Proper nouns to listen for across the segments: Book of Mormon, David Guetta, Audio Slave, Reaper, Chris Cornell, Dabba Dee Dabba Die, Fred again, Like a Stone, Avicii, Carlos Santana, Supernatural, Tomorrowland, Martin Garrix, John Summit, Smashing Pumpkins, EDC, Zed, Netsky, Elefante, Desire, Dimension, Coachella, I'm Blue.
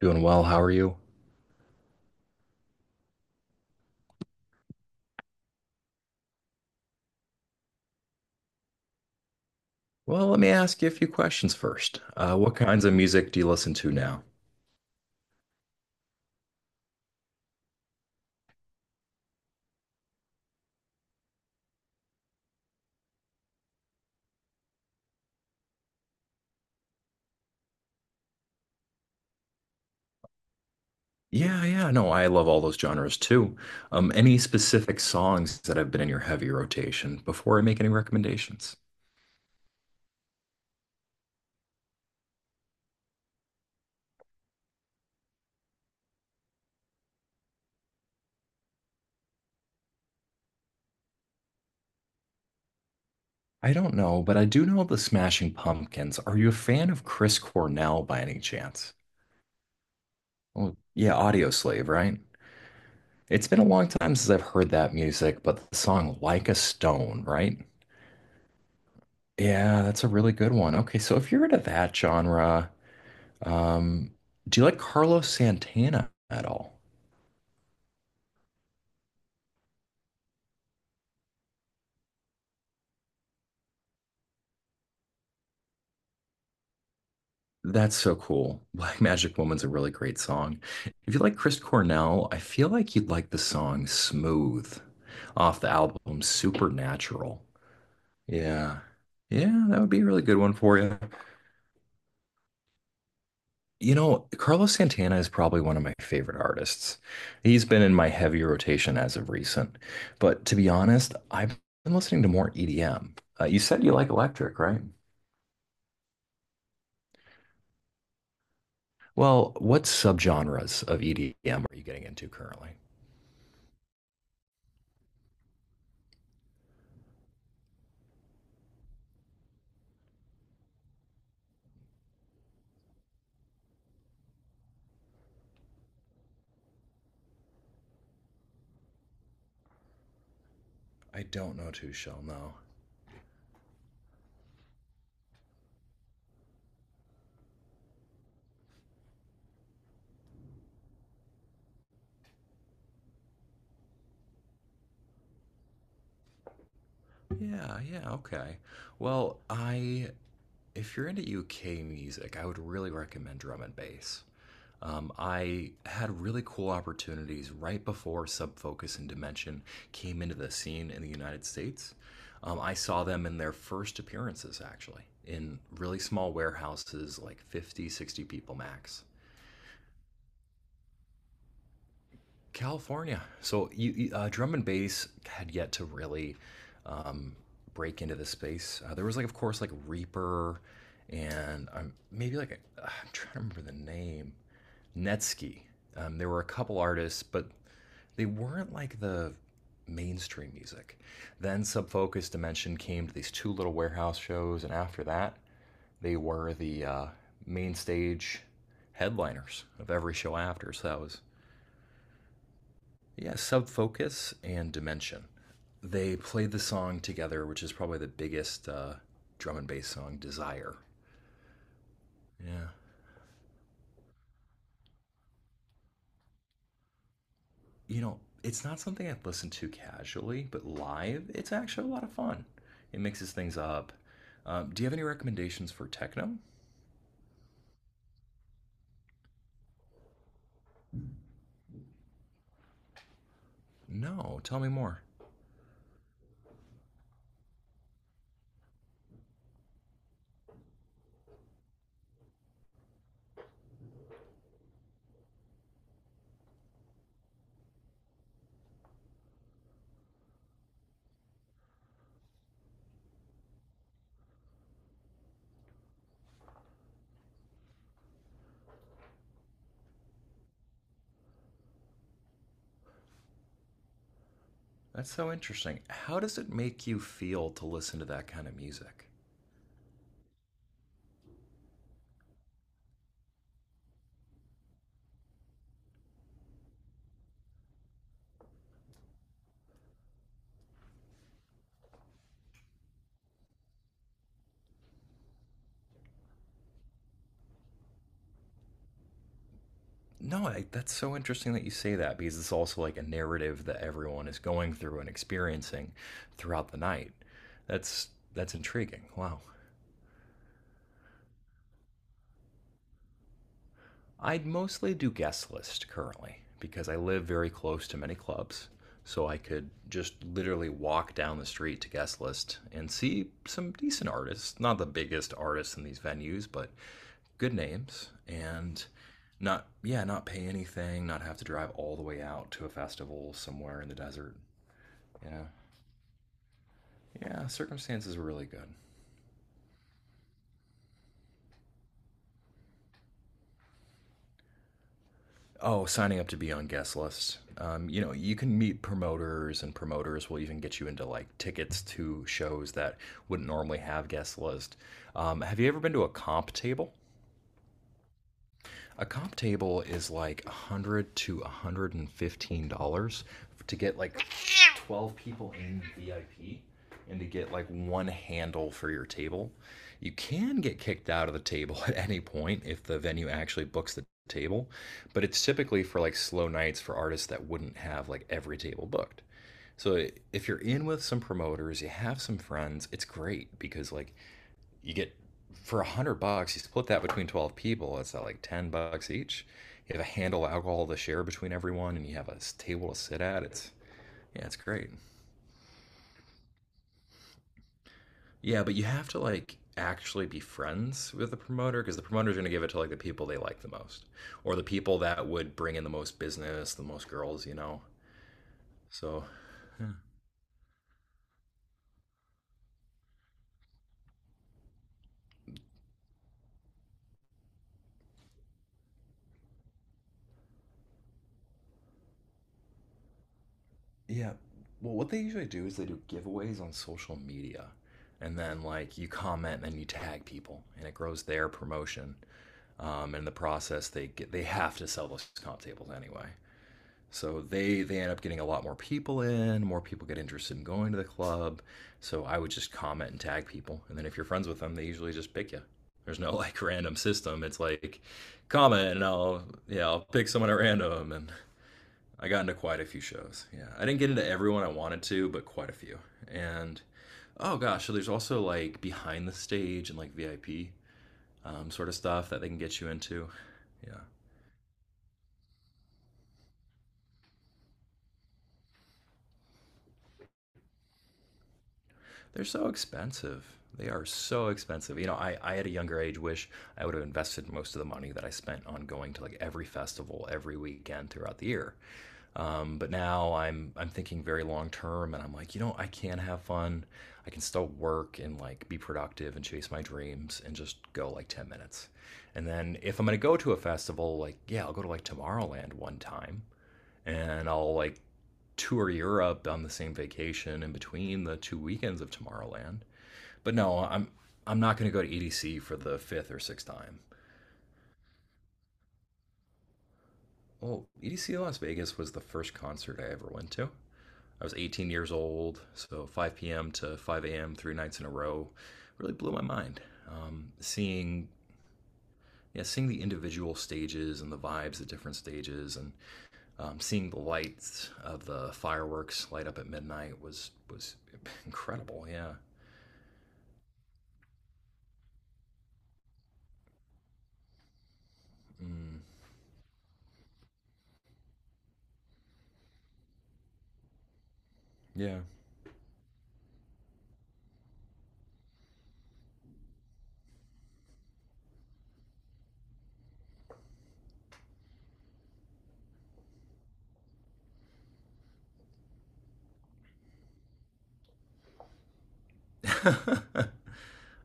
Doing well. How are you? Well, let me ask you a few questions first. What kinds of music do you listen to now? Yeah, yeah, no, I love all those genres too. Any specific songs that have been in your heavy rotation before I make any recommendations? I don't know, but I do know the Smashing Pumpkins. Are you a fan of Chris Cornell by any chance? Oh, yeah, Audio Slave, right? It's been a long time since I've heard that music, but the song Like a Stone, right? Yeah, that's a really good one. Okay, so if you're into that genre, Um, do you like Carlos Santana at all? That's so cool. Black Magic Woman's a really great song. If you like Chris Cornell, I feel like you'd like the song Smooth off the album Supernatural. Yeah. Yeah, that would be a really good one for you. You know, Carlos Santana is probably one of my favorite artists. He's been in my heavy rotation as of recent. But to be honest, I've been listening to more EDM. You said you like electric, right? Well, what subgenres of EDM are you getting into currently? I don't know too shall know. Yeah, yeah, okay. Well, I if you're into UK music, I would really recommend drum and bass. I had really cool opportunities right before Sub Focus and Dimension came into the scene in the United States. I saw them in their first appearances, actually, in really small warehouses, like 50, 60 people max. California. So drum and bass had yet to really break into this space. There was, like, of course, like Reaper, and maybe like I'm trying to remember the name Netsky. There were a couple artists, but they weren't like the mainstream music. Then Sub Focus Dimension came to these two little warehouse shows, and after that, they were the main stage headliners of every show after. So that was. Yeah, Sub Focus and Dimension. They played the song together, which is probably the biggest drum and bass song, Desire. Yeah. You know, it's not something I've listened to casually, but live, it's actually a lot of fun. It mixes things up. Do you have any recommendations for techno? No, tell me more. That's so interesting. How does it make you feel to listen to that kind of music? No, that's so interesting that you say that because it's also like a narrative that everyone is going through and experiencing throughout the night. That's intriguing. Wow. I would mostly do guest list currently because I live very close to many clubs, so I could just literally walk down the street to guest list and see some decent artists, not the biggest artists in these venues, but good names, and not, yeah, not pay anything, not have to drive all the way out to a festival somewhere in the desert. Yeah, yeah, circumstances were really good. Oh, signing up to be on guest lists. You can meet promoters, and promoters will even get you into like tickets to shows that wouldn't normally have guest lists. Have you ever been to a comp table? A comp table is like 100 to $115 to get like 12 people in VIP and to get like one handle for your table. You can get kicked out of the table at any point if the venue actually books the table, but it's typically for like slow nights for artists that wouldn't have like every table booked. So if you're in with some promoters, you have some friends, it's great because like you get for 100 bucks, you split that between 12 people. It's at like 10 bucks each. You have a handle of alcohol to share between everyone, and you have a table to sit at. It's yeah, it's great. Yeah, but you have to like actually be friends with the promoter because the promoter's going to give it to like the people they like the most, or the people that would bring in the most business, the most girls. So yeah. Yeah. Well, what they usually do is they do giveaways on social media. And then, like, you comment and you tag people, and it grows their promotion. And in the process, they have to sell those comp tables anyway. So they end up getting a lot more people in. More people get interested in going to the club. So I would just comment and tag people, and then if you're friends with them, they usually just pick you. There's no like random system. It's like comment, and I'll yeah I'll pick someone at random. And I got into quite a few shows. Yeah, I didn't get into everyone I wanted to, but quite a few. And oh gosh, so there's also like behind the stage and like VIP sort of stuff that they can get you into. Yeah. They're so expensive. They are so expensive. You know, I at a younger age wish I would have invested most of the money that I spent on going to like every festival every weekend throughout the year. But now I'm thinking very long term, and I'm like, you know, I can have fun. I can still work and like be productive and chase my dreams and just go like 10 minutes. And then if I'm going to go to a festival, like, yeah, I'll go to like Tomorrowland one time and I'll like tour Europe on the same vacation in between the 2 weekends of Tomorrowland. But no, I'm not going to go to EDC for the fifth or sixth time. Oh, EDC Las Vegas was the first concert I ever went to. I was 18 years old, so 5 p.m. to 5 a.m. 3 nights in a row really blew my mind. Seeing yeah, seeing the individual stages and the vibes at different stages, and seeing the lights of the fireworks light up at midnight was incredible. Yeah, yeah.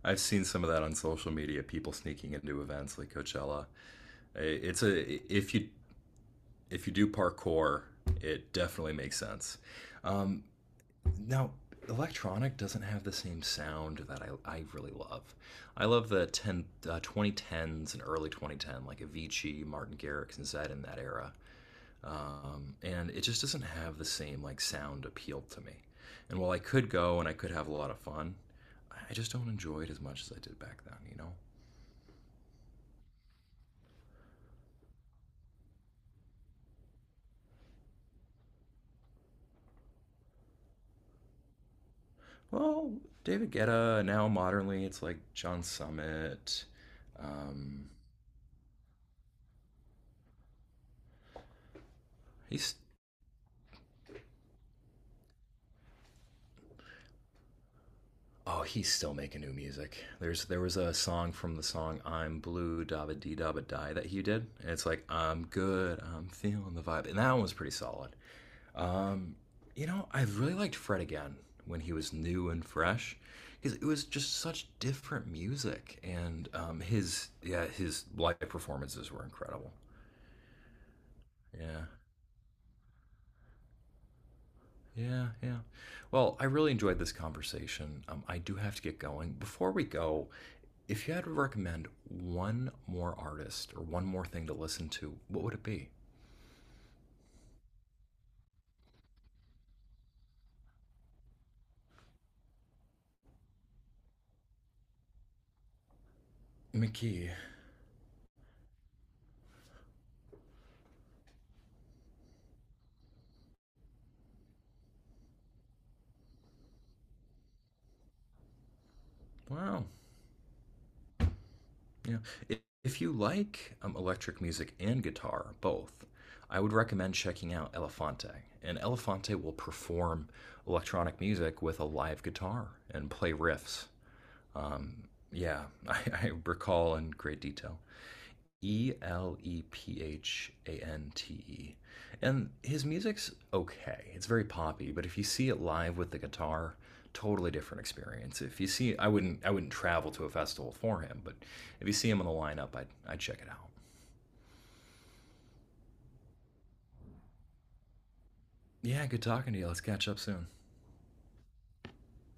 I've seen some of that on social media. People sneaking into events like Coachella. It's a if you do parkour, it definitely makes sense. Um, Now, electronic doesn't have the same sound that I really love. I love the 2010s and early 2010, like Avicii, Martin Garrix, and Zed in that era. And it just doesn't have the same like sound appeal to me. And while I could go and I could have a lot of fun, I just don't enjoy it as much as I did back then. You know. Well, David Guetta now modernly, it's like John Summit. Um, he's oh, he's still making new music. There was a song from the song "I'm Blue" "Dabba Dee Dabba Die" that he did, and it's like "I'm good, I'm feeling the vibe," and that one was pretty solid. Um, I really liked Fred again when he was new and fresh because it was just such different music and his yeah his live performances were incredible. Yeah. Yeah, yeah. Well, I really enjoyed this conversation. I do have to get going. Before we go, if you had to recommend one more artist or one more thing to listen to, what would it be? McKee. Wow. Yeah. If you like electric music and guitar, both, I would recommend checking out Elefante. And Elefante will perform electronic music with a live guitar and play riffs. Yeah, I, I recall in great detail. Elephante. And his music's okay. It's very poppy, but if you see it live with the guitar, totally different experience. If you see I wouldn't travel to a festival for him, but if you see him on the lineup, I'd check it out. Yeah, good talking to you. Let's catch up soon.